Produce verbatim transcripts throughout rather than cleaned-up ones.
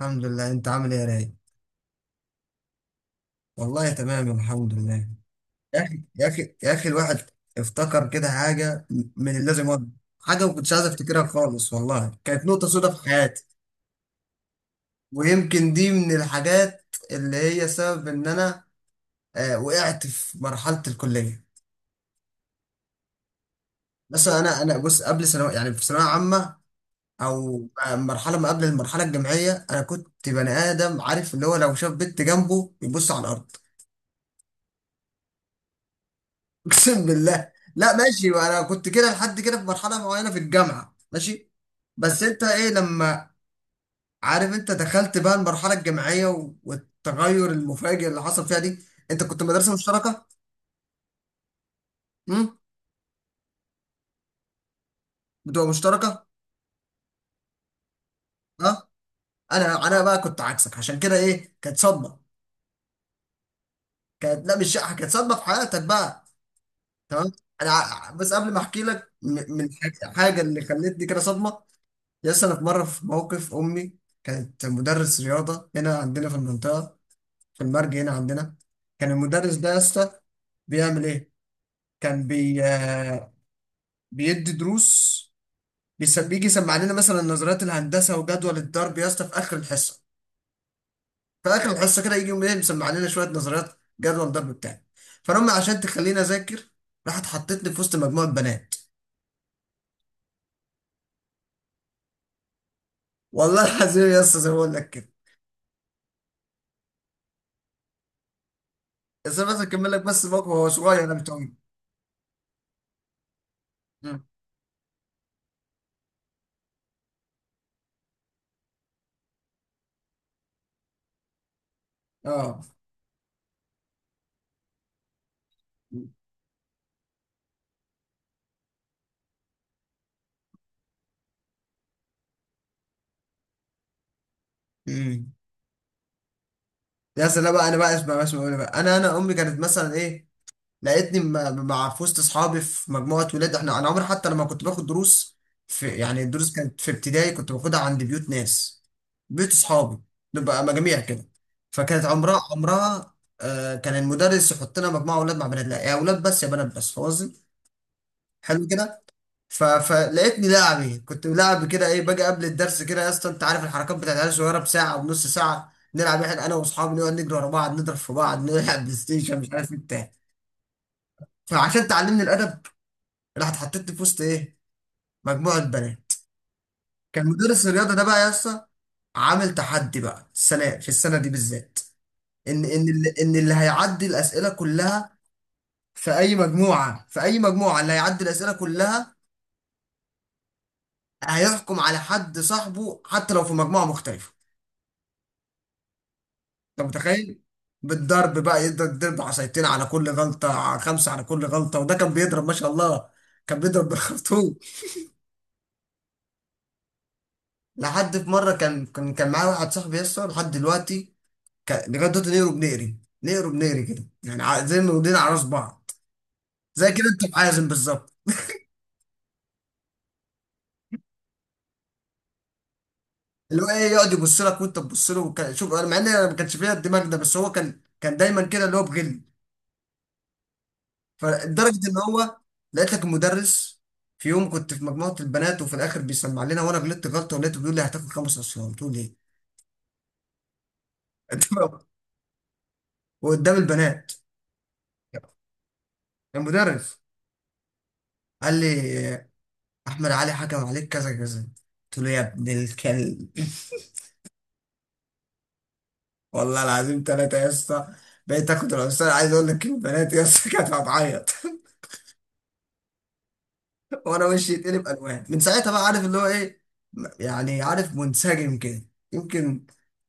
الحمد لله، انت عامل ايه يا رايق؟ والله تمام، الحمد لله. يا اخي يا اخي يا اخي، الواحد افتكر كده حاجه من اللي لازم أقول. حاجه ما كنتش عايز افتكرها خالص، والله كانت نقطه سوداء في حياتي. ويمكن دي من الحاجات اللي هي سبب ان انا آه وقعت في مرحله الكليه. بس انا انا بص، قبل ثانوي يعني، في ثانويه عامه او آه، مرحله ما قبل المرحله الجامعيه. انا كنت بني ادم عارف، اللي هو لو شاف بنت جنبه يبص على الارض. اقسم بالله، لا ماشي، انا كنت كده لحد كده في مرحله معينه في الجامعه، ماشي. بس انت ايه لما، عارف، انت دخلت بقى المرحله الجامعيه و- والتغير المفاجئ اللي حصل فيها دي. انت كنت مدرسه مشتركه؟ امم بتبقى مشتركه. اه. انا انا بقى كنت عكسك، عشان كده ايه، كانت صدمه. كانت لا مش شقه، كانت صدمه في حياتك بقى. تمام. انا ع- بس قبل ما احكي لك م- من حاجه حاجة اللي خلتني كده صدمه، يس، انا في مره في موقف، امي كانت مدرس رياضه هنا عندنا في المنطقه، في المرج هنا عندنا. كان المدرس ده يا اسطى بيعمل ايه؟ كان بي آه، بيدي دروس، بيس- بيجي يسمع لنا مثلا نظريات الهندسه وجدول الضرب يا اسطى في اخر الحصه. في اخر الحصه كده يجي يقوم إيه مسمع لنا شويه نظريات جدول الضرب بتاعي. فانا أمي عشان تخليني اذاكر، راحت حطتني في وسط مجموعه بنات. والله العظيم يا اسطى زي ما بقول لك كده. بس انا بس اكمل لك، بس الموقف هو صغير انا مش طويل. مم. اه. امم يا سلام بقى، انا بقى اسمع بقى اسمع بقى، بقى. انا انا امي كانت مثلا ايه، لقيتني م- مع في وسط اصحابي في مجموعه ولاد. احنا انا عمري، حتى لما كنت باخد دروس، في يعني الدروس كانت في ابتدائي كنت باخدها عند بيوت ناس، بيوت اصحابي، نبقى مجاميع كده. فكانت عمرها عمرها آه كان المدرس يحط لنا مجموعه اولاد مع بنات، لا، يا اولاد بس يا بنات بس، فاهم قصدي؟ حلو كده. ف... فلقيتني لاعب ايه، كنت لاعب كده ايه، باجي قبل الدرس كده يا اسطى، انت عارف الحركات بتاعت العيال الصغيره، بساعه ونص ساعه نلعب احنا، انا واصحابي نقعد نجري ورا بعض، نضرب في بعض، نلعب بلاي ستيشن، مش عارف ايه بتاع. فعشان تعلمني الادب، راح اتحطيت في وسط ايه، مجموعه بنات. كان مدرس الرياضه ده بقى يا اسطى عامل تحدي بقى السنه، في السنه دي بالذات، ان ان اللي ان اللي هيعدي الاسئله كلها في اي مجموعه، في اي مجموعه اللي هيعدي الاسئله كلها هيحكم على حد صاحبه حتى لو في مجموعه مختلفه. انت متخيل؟ بالضرب بقى، يقدر يضرب عصايتين على كل غلطه، على خمسه على كل غلطه، وده كان بيضرب ما شاء الله. كان بيضرب بالخرطوم. لحد في مره، كان كان كان معايا واحد صاحبي يسطا لحد دلوقتي، ك- لغايه دلوقتي نقره بنقري، نقره بنقري كده يعني، ع- زي ما ودينا على راس بعض، زي كده انت معازم بالظبط. اللي هو ايه، يقعد يبص لك وانت تبص له، وك- شوف، انا مع ان انا ما كانش فيا الدماغ ده، بس هو كان كان دايما كده، اللي هو بغل. فلدرجه ان هو، لقيت لك المدرس في يوم، كنت في مجموعه البنات وفي الاخر بيسمع لنا، وانا غلطت غلطه ولقيته بيقول لي هتاخد خمس اصفار. قلت له ليه؟ وقدام البنات. المدرس قال لي احمد علي حكم عليك كذا كذا. قلت له يا ابن الكلب، والله العظيم ثلاثة يا اسطى. بقيت اخد الاستاذ، عايز اقول لك، البنات يا اسطى كانت هتعيط وانا وشي يتقلب الوان، من ساعتها بقى عارف اللي هو ايه، م- يعني عارف منسجم كده. يمكن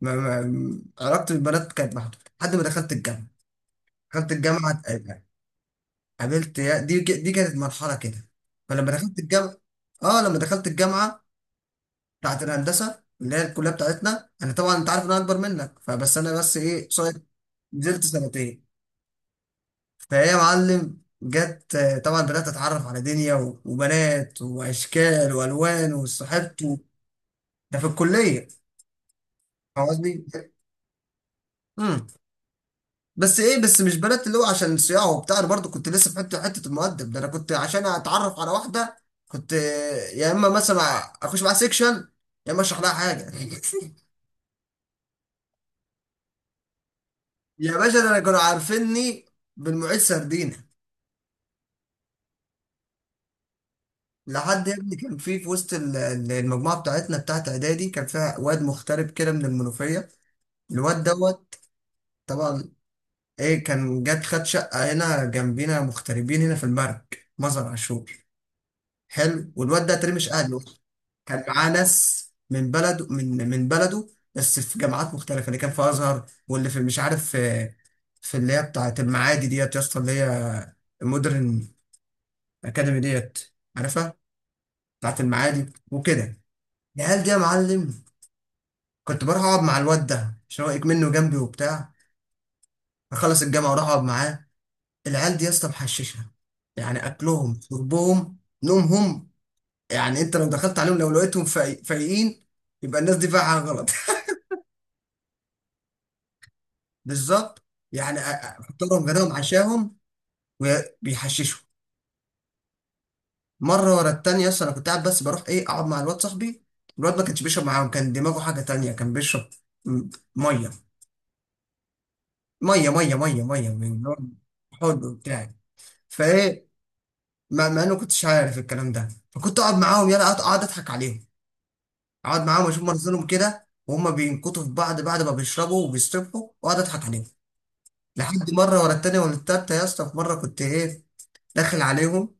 ما ما علاقتي بالبنات كانت محدودة لحد ما دخلت الجامعة. دخلت الجامعة، اتق- قابلت يا دي، ك- دي كانت مرحلة كده. فلما دخلت الجامعة، اه لما دخلت الجامعة بتاعت الهندسة اللي هي الكلية بتاعتنا، انا طبعا انت عارف ان انا اكبر منك، فبس انا بس ايه قصير، نزلت سنتين. فهي يا معلم جت آه، طبعا بدأت أتعرف على دنيا و- وبنات وأشكال وألوان وصاحبت و-. ده في الكلية، فاهم قصدي؟ امم بس إيه، بس مش بنات اللي هو عشان صياعه وبتاع، أنا برضه كنت لسه في حتة حتة المؤدب ده، أنا كنت عشان أتعرف على واحدة كنت آه، يا إما مثلا أخش معاها سيكشن، يا إما أشرح لها حاجة يا باشا، ده أنا كانوا عارفيني بالمعيد سردينة. لحد يا ابني كان في في وسط ال- ال- المجموعة بتاعتنا بتاعت إعدادي، كان فيها واد مغترب كده من المنوفية. الواد دوت طبعا ايه، كان جت خد شقة هنا جنبينا، مغتربين هنا في المرج، مزرعة عاشور. حلو، والواد ده تري مش اهله، كان معاه ناس من بلده، من من بلده، بس في جامعات مختلفة. اللي كان في أزهر، واللي في مش عارف في، في اللي هي بتاعة المعادي ديت يا اسطى، اللي هي مودرن أكاديمي، ديت عارفها، بتاعة المعادي وكده. العيال دي يا معلم، كنت بروح أقعد مع الواد ده عشان هو منه جنبي وبتاع، أخلص الجامعة وأروح أقعد معاه. العيال دي يا اسطى محششه، يعني اكلهم، شربهم، نومهم، يعني انت لو دخلت عليهم لو لقيتهم فاي- فايقين يبقى الناس دي فيها حاجه غلط بالظبط. يعني أ- أ- فطارهم غداهم عشاهم وبيحششوا. مره ورا التانيه اصلا، انا كنت قاعد بس، بروح ايه اقعد مع الواد صاحبي. الواد ما كانش بيشرب معاهم، كان دماغه حاجه تانيه، كان بيشرب م- ميه ميه ميه ميه ميه من الحوض بتاعي. فايه، ما, ما انا كنتش عارف الكلام ده، فكنت اقعد معاهم، يلا اقعد، أقعد اضحك عليهم. اقعد معاهم اشوف منظرهم كده، وهم بينكتوا في بعض بعد ما بيشربوا وبيستبحوا، واقعد اضحك عليهم. لحد مره ورا التانيه ولا التالته يا اسطى، في مره كنت ايه، داخل عليهم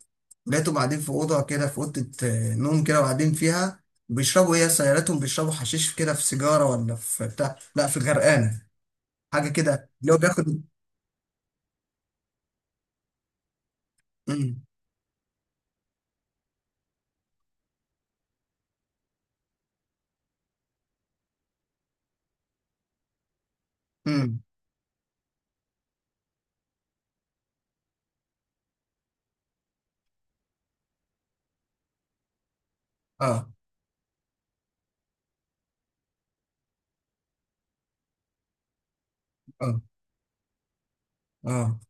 لقيتهم قاعدين في اوضه كده، في اوضه آه، نوم كده، وقاعدين فيها بيشربوا ايه يا اسطى؟ يا ريتهم بيشربوا حشيش كده في سيجاره ولا في بتاع، لا، في غرقانه، حاجه كده اللي هو بياخد. امم، امم، اه، اه، اه،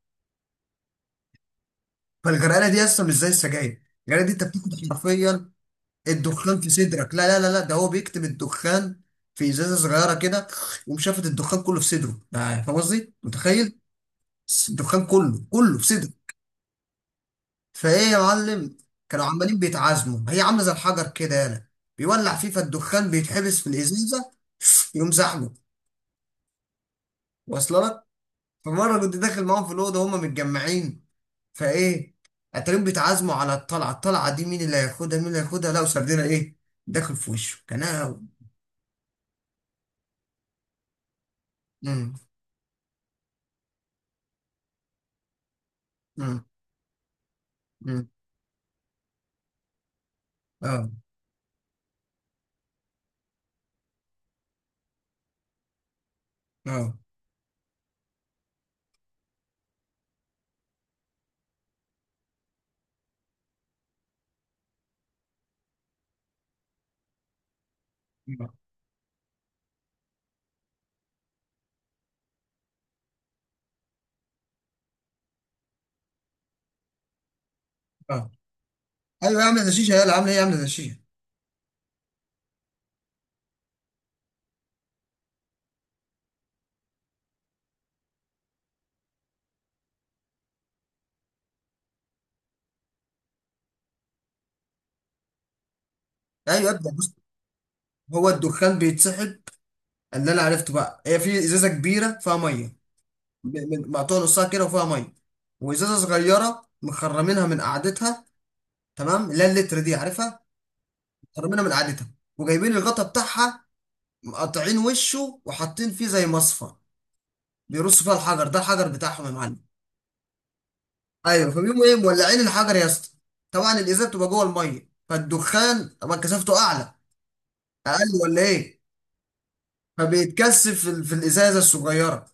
فالغرقانه دي يا اسطى مش زي السجاير الغرقانه دي انت بتاخد حرفيا الدخان في صدرك لا لا لا لا ده هو بيكتم الدخان في ازازه صغيره كده ومشافت الدخان كله في صدره ده فاهم قصدي متخيل الدخان كله كله في صدره فايه يا معلم كانوا عمالين بيتعازموا هي عامله زي الحجر كده يالا بيولع فيه فالدخان بيتحبس في الازازه يقوم زحمه واصل لك فمره كنت داخل معاهم في الاوضه هما متجمعين فايه اتاريهم بيتعازموا على الطلعه الطلعه دي مين اللي هياخدها مين اللي هياخدها لقوا سردينه ايه داخل في وشه كان أنا- مم. مم. اه اه اه آه. ايوه عامله هشيشه، يلا عامله ايه، عامله هشيشه. ايوه ابدا بص، هو الدخان بيتسحب. اللي انا عرفته بقى هي في ازازه كبيره فيها ميه، م- م- مقطوعه نصها كده وفيها ميه، وازازه صغيره مخرمينها من قعدتها. تمام، اللي هي اللتر دي، عارفها، مخرمينها من قعدتها وجايبين الغطا بتاعها، مقطعين وشه وحاطين فيه زي مصفى، بيرصوا فيها الحجر ده، الحجر بتاعهم يا معلم. ايوه، فبيقوموا ايه، مولعين الحجر يا اسطى، طبعا الازازه بتبقى جوه الميه، فالدخان طبعا كثافته اعلى اقل ولا ايه، فبيتكثف في, ال- في الازازه الصغيره،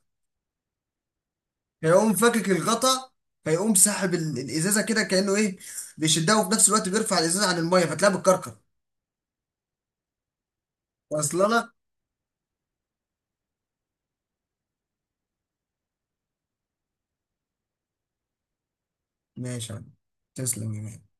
فيقوم فاكك الغطا، فيقوم ساحب ال- الازازه كده، كانه ايه، بيشدها وفي نفس الوقت بيرفع الازازه عن الميه، فتلاقيها بتكركر. واصله لك. ماشي يا عم. تسلم يا مان.